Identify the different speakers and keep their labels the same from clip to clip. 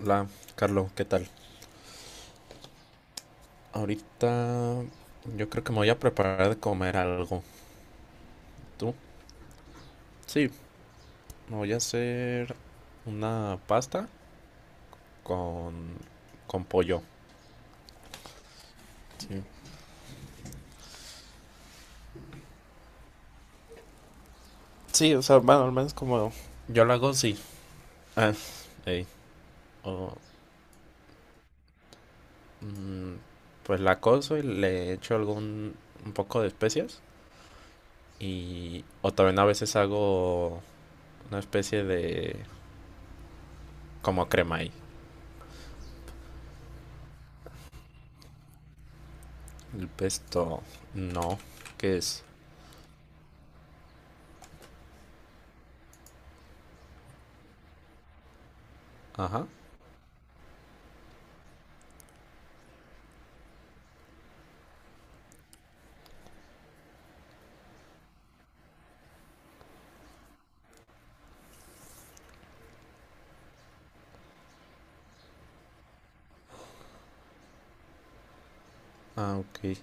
Speaker 1: Hola, Carlos, ¿qué tal? Ahorita yo creo que me voy a preparar de comer algo. ¿Tú? Sí, me voy a hacer una pasta con, con pollo. Sí. Sí, o sea, bueno, al menos como. Yo lo hago, sí. Ah, ey, o, mm, pues la cozo y le echo algún un poco de especias. Y, o también a veces hago una especie de como crema ahí. El pesto, no, ¿qué es? Ajá. Ah, ok.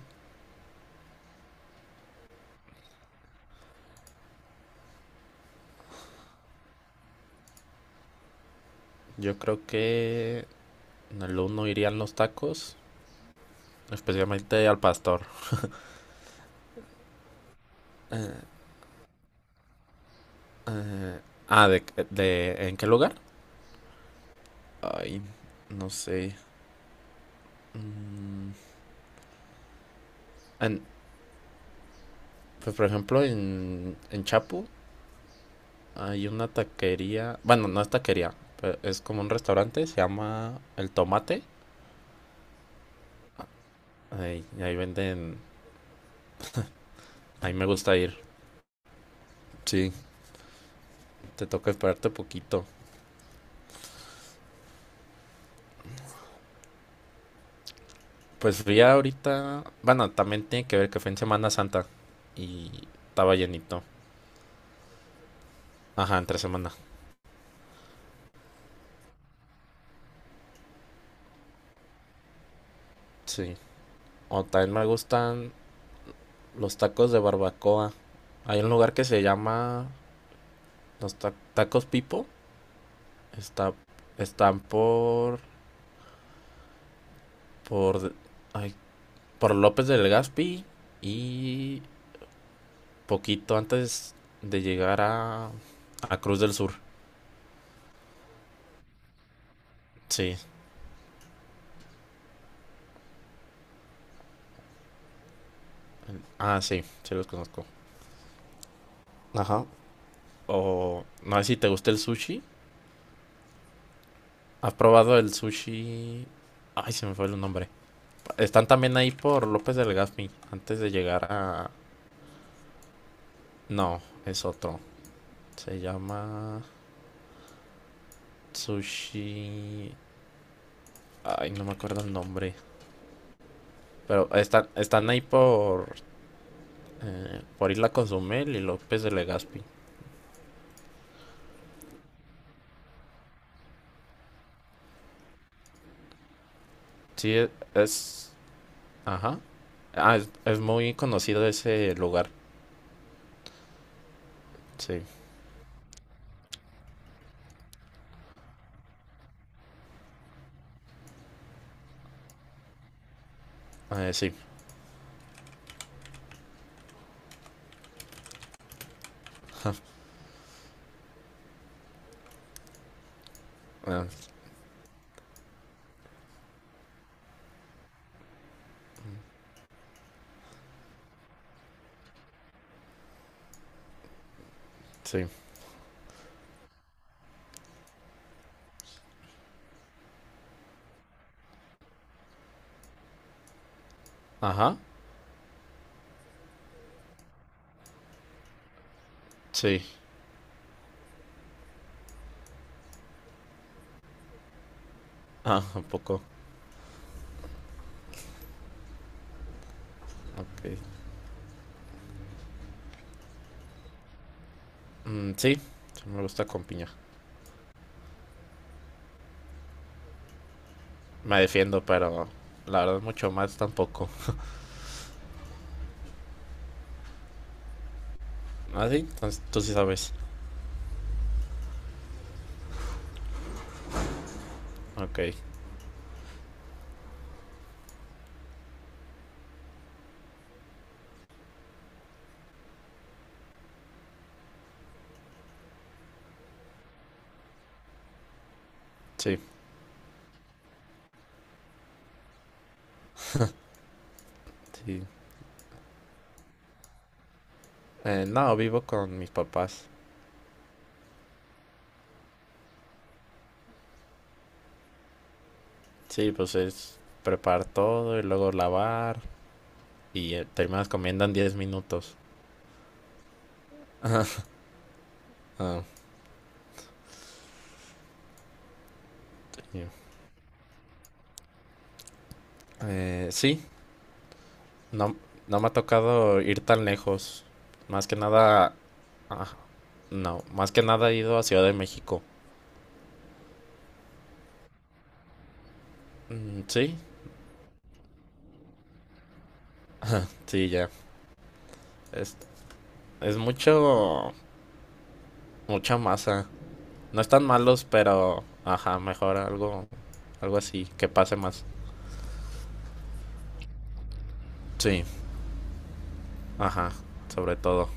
Speaker 1: Yo creo que en el uno irían los tacos, especialmente al pastor. Eh, eh, ah, de, ¿En qué lugar? Ay, no sé. Mm, en- pues, por ejemplo, en Chapu hay una taquería. Bueno, no es taquería, pero es como un restaurante, se llama El Tomate. Ay, y ahí venden. Ahí me gusta ir. Sí, te toca esperarte poquito. Pues fui ahorita, bueno, también tiene que ver que fue en Semana Santa y estaba llenito. Ajá, entre semana. Sí. O también me gustan los tacos de barbacoa. Hay un lugar que se llama los tacos Pipo. Está, están por, ay, por López del Gaspi y poquito antes de llegar a Cruz del Sur. Sí. Ah, sí, sí los conozco. Ajá. O no sé si te gusta el sushi. ¿Has probado el sushi? Ay, se me fue el nombre. Están también ahí por López del Gaspi, antes de llegar a. No, es otro. Se llama Sushi. Ay, no me acuerdo el nombre. Pero están ahí por Isla Consumel y López de Legazpi. Sí, es. Ajá. Ah, es muy conocido ese lugar. Sí. Sí. Ah, sí. Ajá. Sí. Ah, un poco. Ok. Mm, sí, sí me gusta con piña. Me defiendo, pero la verdad mucho más tampoco. ¿Ah, sí? Entonces tú sí sabes. Ok, sí, sí. No, vivo con mis papás. Sí, pues es preparar todo y luego lavar y terminas comiendo en 10 minutos. Ah, ya. Sí, no, no me ha tocado ir tan lejos. Más que nada. Ah, no, más que nada he ido a Ciudad de México. Mm, sí, sí, ya. Es Es mucho, mucha masa. No están malos, pero, ajá, mejor algo, algo así, que pase más. Sí. Ajá, sobre todo.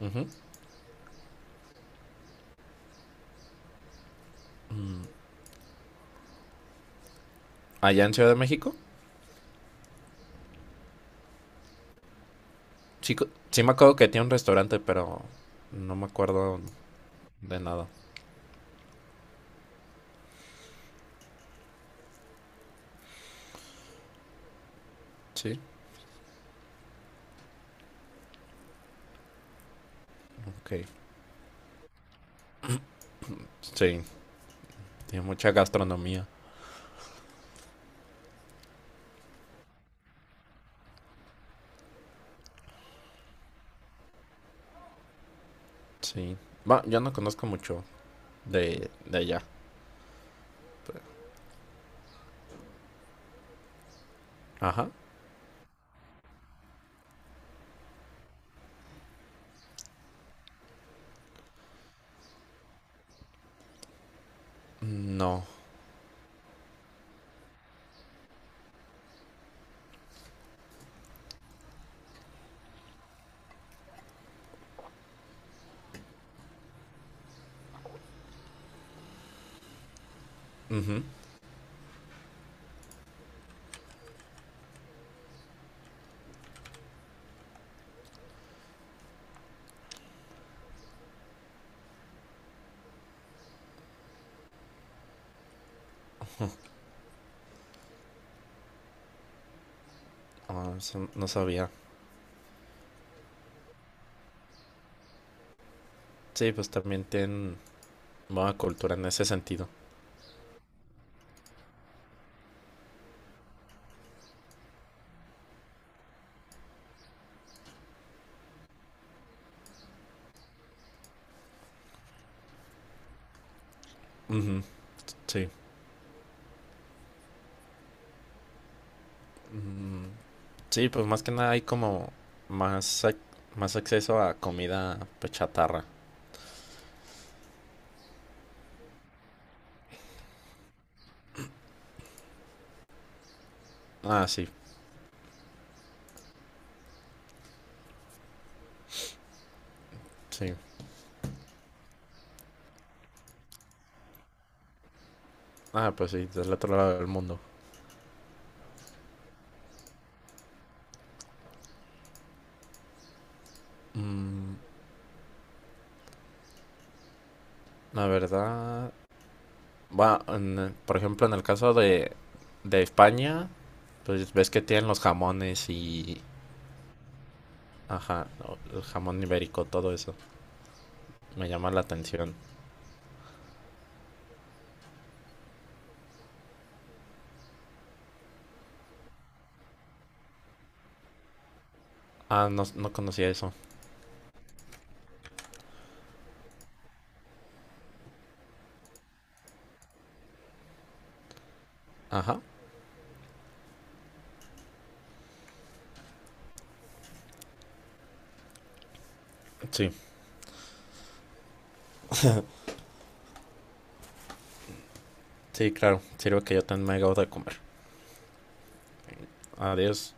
Speaker 1: Ujú. Allá en Ciudad de México, sí, sí me acuerdo que tiene un restaurante, pero no me acuerdo de nada. Sí. Ok. Sí, tiene mucha gastronomía. Sí. Va, yo no conozco mucho de allá. Ajá. No. Ujú. Ah, eso no sabía. Sí, pues también tienen buena cultura en ese sentido. Ujú, sí. Mm, sí, pues más que nada hay como más, ac- más acceso a comida pues, chatarra. Ah, sí, sí. Ah, pues sí, del otro lado del mundo. Mm, la verdad, va, por ejemplo, en el caso de España, pues ves que tienen los jamones y. Ajá, el jamón ibérico, todo eso. Me llama la atención. Ah, no, no conocía eso. Ajá, sí, sí, claro. Sirve que yo también me acabo de comer. Adiós.